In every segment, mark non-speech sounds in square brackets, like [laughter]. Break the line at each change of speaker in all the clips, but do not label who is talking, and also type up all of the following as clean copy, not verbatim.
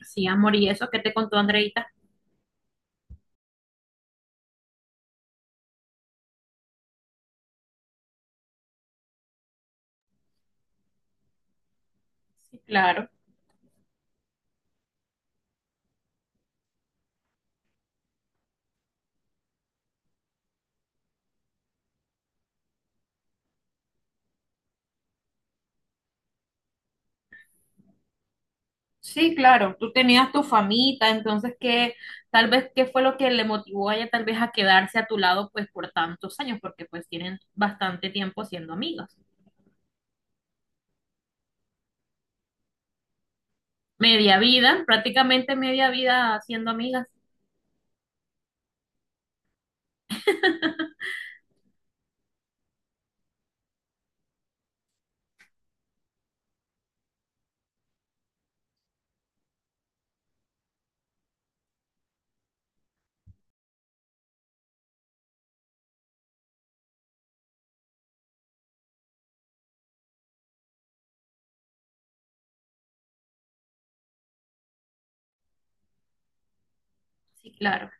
Sí, amor, y eso que te contó Andreita. Sí, claro. Sí, claro. Tú tenías tu famita, entonces qué, tal vez qué fue lo que le motivó a ella tal vez a quedarse a tu lado pues por tantos años, porque pues tienen bastante tiempo siendo amigas. Media vida, prácticamente media vida siendo amigas. [laughs] Sí, claro.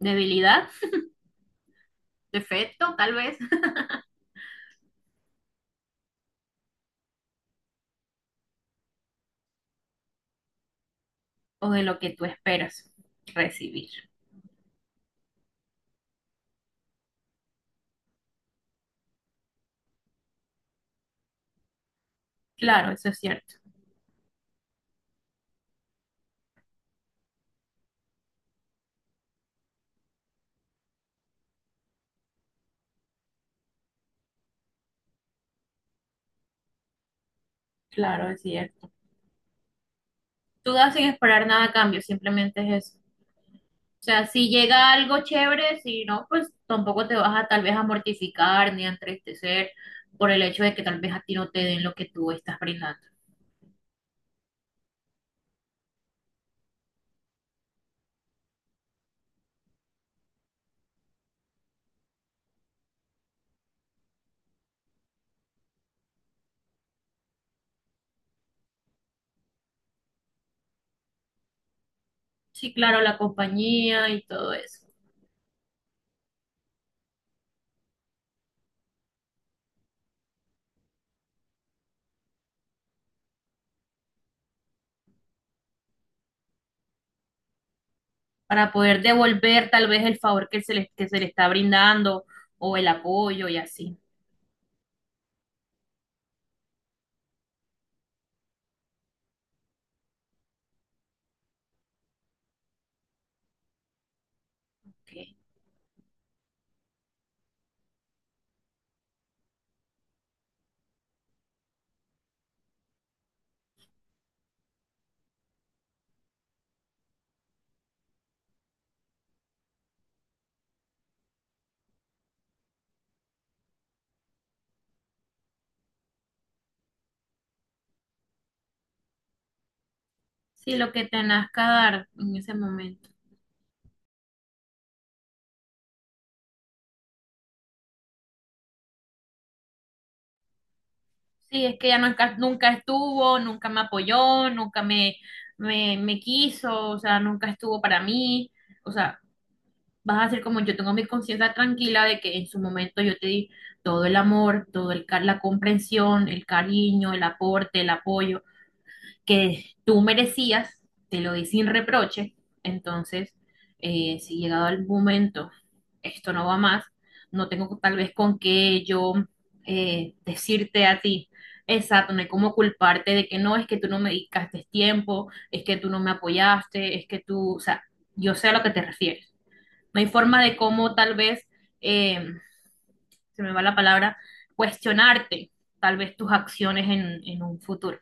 Debilidad, defecto, tal vez, [laughs] o de lo que tú esperas recibir. Claro, eso es cierto. Claro, es cierto. Tú das sin esperar nada a cambio, simplemente es eso. O sea, si llega algo chévere, si no, pues tampoco te vas a tal vez a mortificar ni a entristecer por el hecho de que tal vez a ti no te den lo que tú estás brindando. Sí, claro, la compañía y todo eso, para poder devolver tal vez el favor que se le está brindando o el apoyo y así. Ok. Sí, lo que te nazca dar en ese momento. Sí, es que ella nunca, nunca estuvo, nunca me apoyó, nunca me quiso, o sea, nunca estuvo para mí. O sea, vas a ser como yo tengo mi conciencia tranquila de que en su momento yo te di todo el amor, todo el la comprensión, el cariño, el aporte, el apoyo que tú merecías, te lo di sin reproche. Entonces, si llegado el momento esto no va más, no tengo tal vez con qué yo decirte a ti. Exacto, no hay como culparte de que no, es que tú no me dedicaste tiempo, es que tú no me apoyaste, es que tú, o sea, yo sé a lo que te refieres. No hay forma de cómo tal vez, eh, se me va la palabra, cuestionarte tal vez tus acciones en un futuro.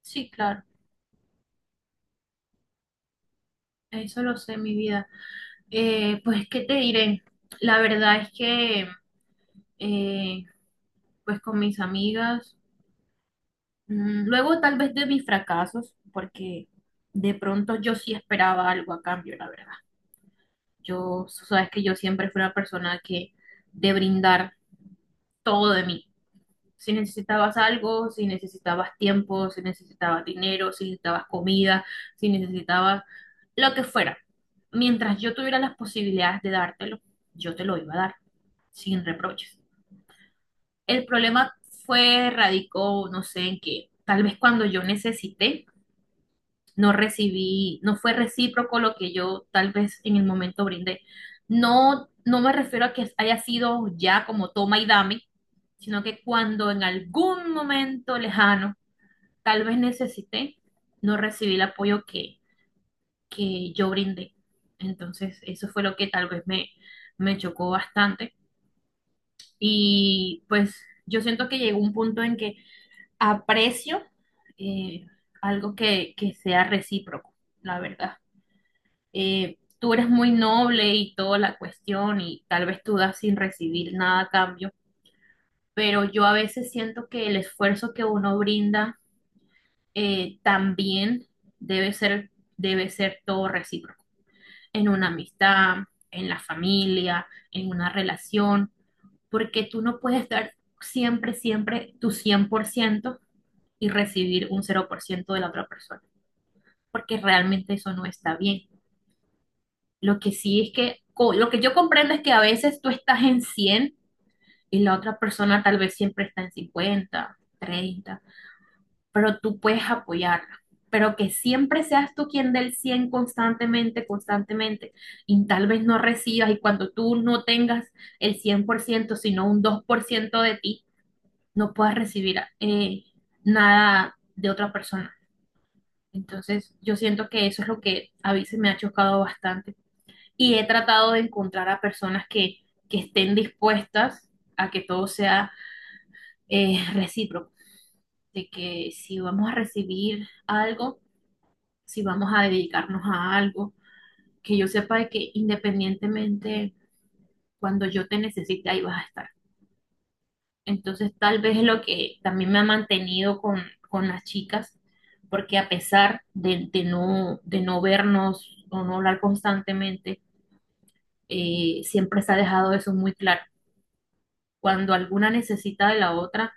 Sí, claro, eso lo sé, mi vida. Pues, ¿qué te diré? La verdad es que, eh, pues con mis amigas, mm, luego tal vez de mis fracasos, porque de pronto yo sí esperaba algo a cambio, la verdad. Yo, sabes que yo siempre fui una persona que de brindar todo de mí. Si necesitabas algo, si necesitabas tiempo, si necesitabas dinero, si necesitabas comida, si necesitabas lo que fuera. Mientras yo tuviera las posibilidades de dártelo, yo te lo iba a dar, sin reproches. El problema fue, radicó, no sé en qué, tal vez cuando yo necesité, no recibí, no fue recíproco lo que yo tal vez en el momento brindé. No, no me refiero a que haya sido ya como toma y dame, sino que cuando en algún momento lejano tal vez necesité no recibir el apoyo que yo brindé. Entonces, eso fue lo que tal vez me chocó bastante. Y pues yo siento que llegó un punto en que aprecio eh, algo que sea recíproco, la verdad. Tú eres muy noble y toda la cuestión y tal vez tú das sin recibir nada a cambio, pero yo a veces siento que el esfuerzo que uno brinda también debe ser, debe ser todo recíproco, en una amistad, en la familia, en una relación, porque tú no puedes dar siempre, siempre tu 100% y recibir un cero por ciento de la otra persona, porque realmente eso no está bien. Lo que sí es que, lo que yo comprendo es que a veces tú estás en 100 y la otra persona tal vez siempre está en 50 30 pero tú puedes apoyarla. Pero que siempre seas tú quien dé el 100 constantemente, constantemente, y tal vez no recibas, y cuando tú no tengas el 100%, sino un 2% de ti, no puedas recibir nada de otra persona. Entonces, yo siento que eso es lo que a veces me ha chocado bastante. Y he tratado de encontrar a personas que estén dispuestas a que todo sea recíproco, de que si vamos a recibir algo, si vamos a dedicarnos a algo, que yo sepa de que independientemente cuando yo te necesite, ahí vas a estar. Entonces, tal vez es lo que también me ha mantenido con las chicas, porque a pesar de no vernos o no hablar constantemente, siempre se ha dejado eso muy claro. Cuando alguna necesita de la otra,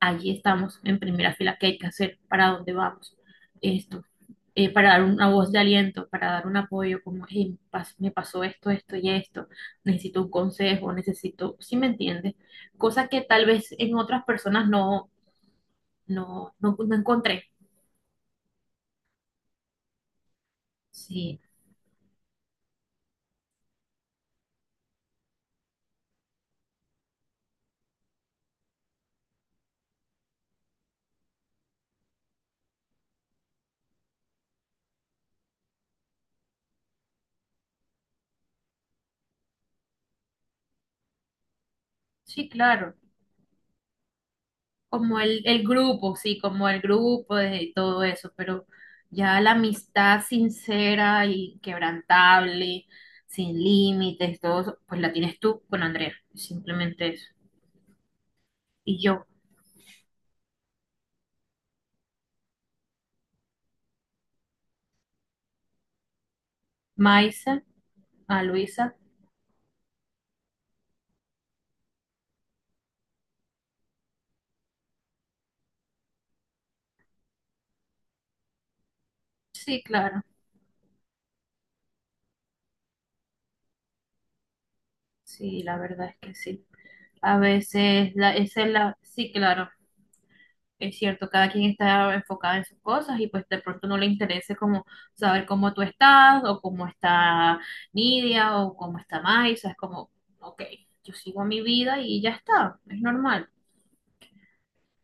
allí estamos en primera fila, qué hay que hacer, para dónde vamos, esto. Eh, para dar una voz de aliento, para dar un apoyo, como, "Hey, me pasó esto, esto y esto, necesito un consejo, necesito, si me entiendes? Cosa que tal vez en otras personas no encontré. Sí, sí, claro. Como el grupo, sí, como el grupo de todo eso, pero ya la amistad sincera y quebrantable, sin límites, todo eso, pues la tienes tú con Andrea, simplemente eso. Y yo, Maisa, a Luisa. Sí, claro, sí, la verdad es que sí. A veces, la, esa es la, sí, claro, es cierto, cada quien está enfocado en sus cosas y pues de pronto no le interese como saber cómo tú estás o cómo está Nidia o cómo está Maisa, es como, ok, yo sigo mi vida y ya está, es normal.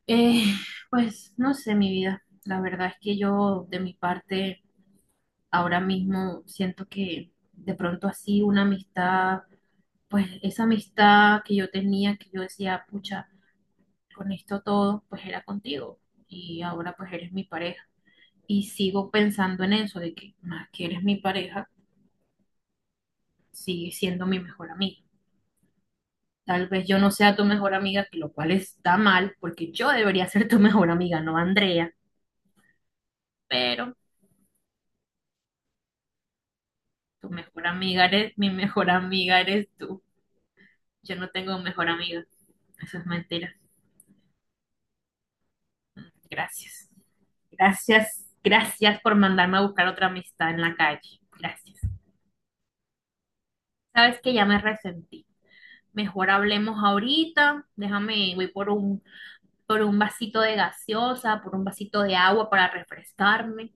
Eh, pues no sé, mi vida, la verdad es que yo de mi parte ahora mismo siento que de pronto así una amistad pues esa amistad que yo tenía, que yo decía, pucha, con esto todo, pues era contigo y ahora pues eres mi pareja. Y sigo pensando en eso, de que más que eres mi pareja, sigues siendo mi mejor amiga. Tal vez yo no sea tu mejor amiga, que lo cual está mal, porque yo debería ser tu [laughs] mejor amiga, no Andrea, pero tu mejor amiga eres, mi mejor amiga eres tú. Yo no tengo mejor amiga, eso es mentira. Gracias. Gracias, gracias por mandarme a buscar otra amistad en la calle. Gracias. Sabes que ya me resentí. Mejor hablemos ahorita. Déjame, voy por por un vasito de gaseosa, por un vasito de agua para refrescarme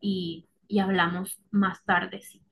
y hablamos más tarde, sí.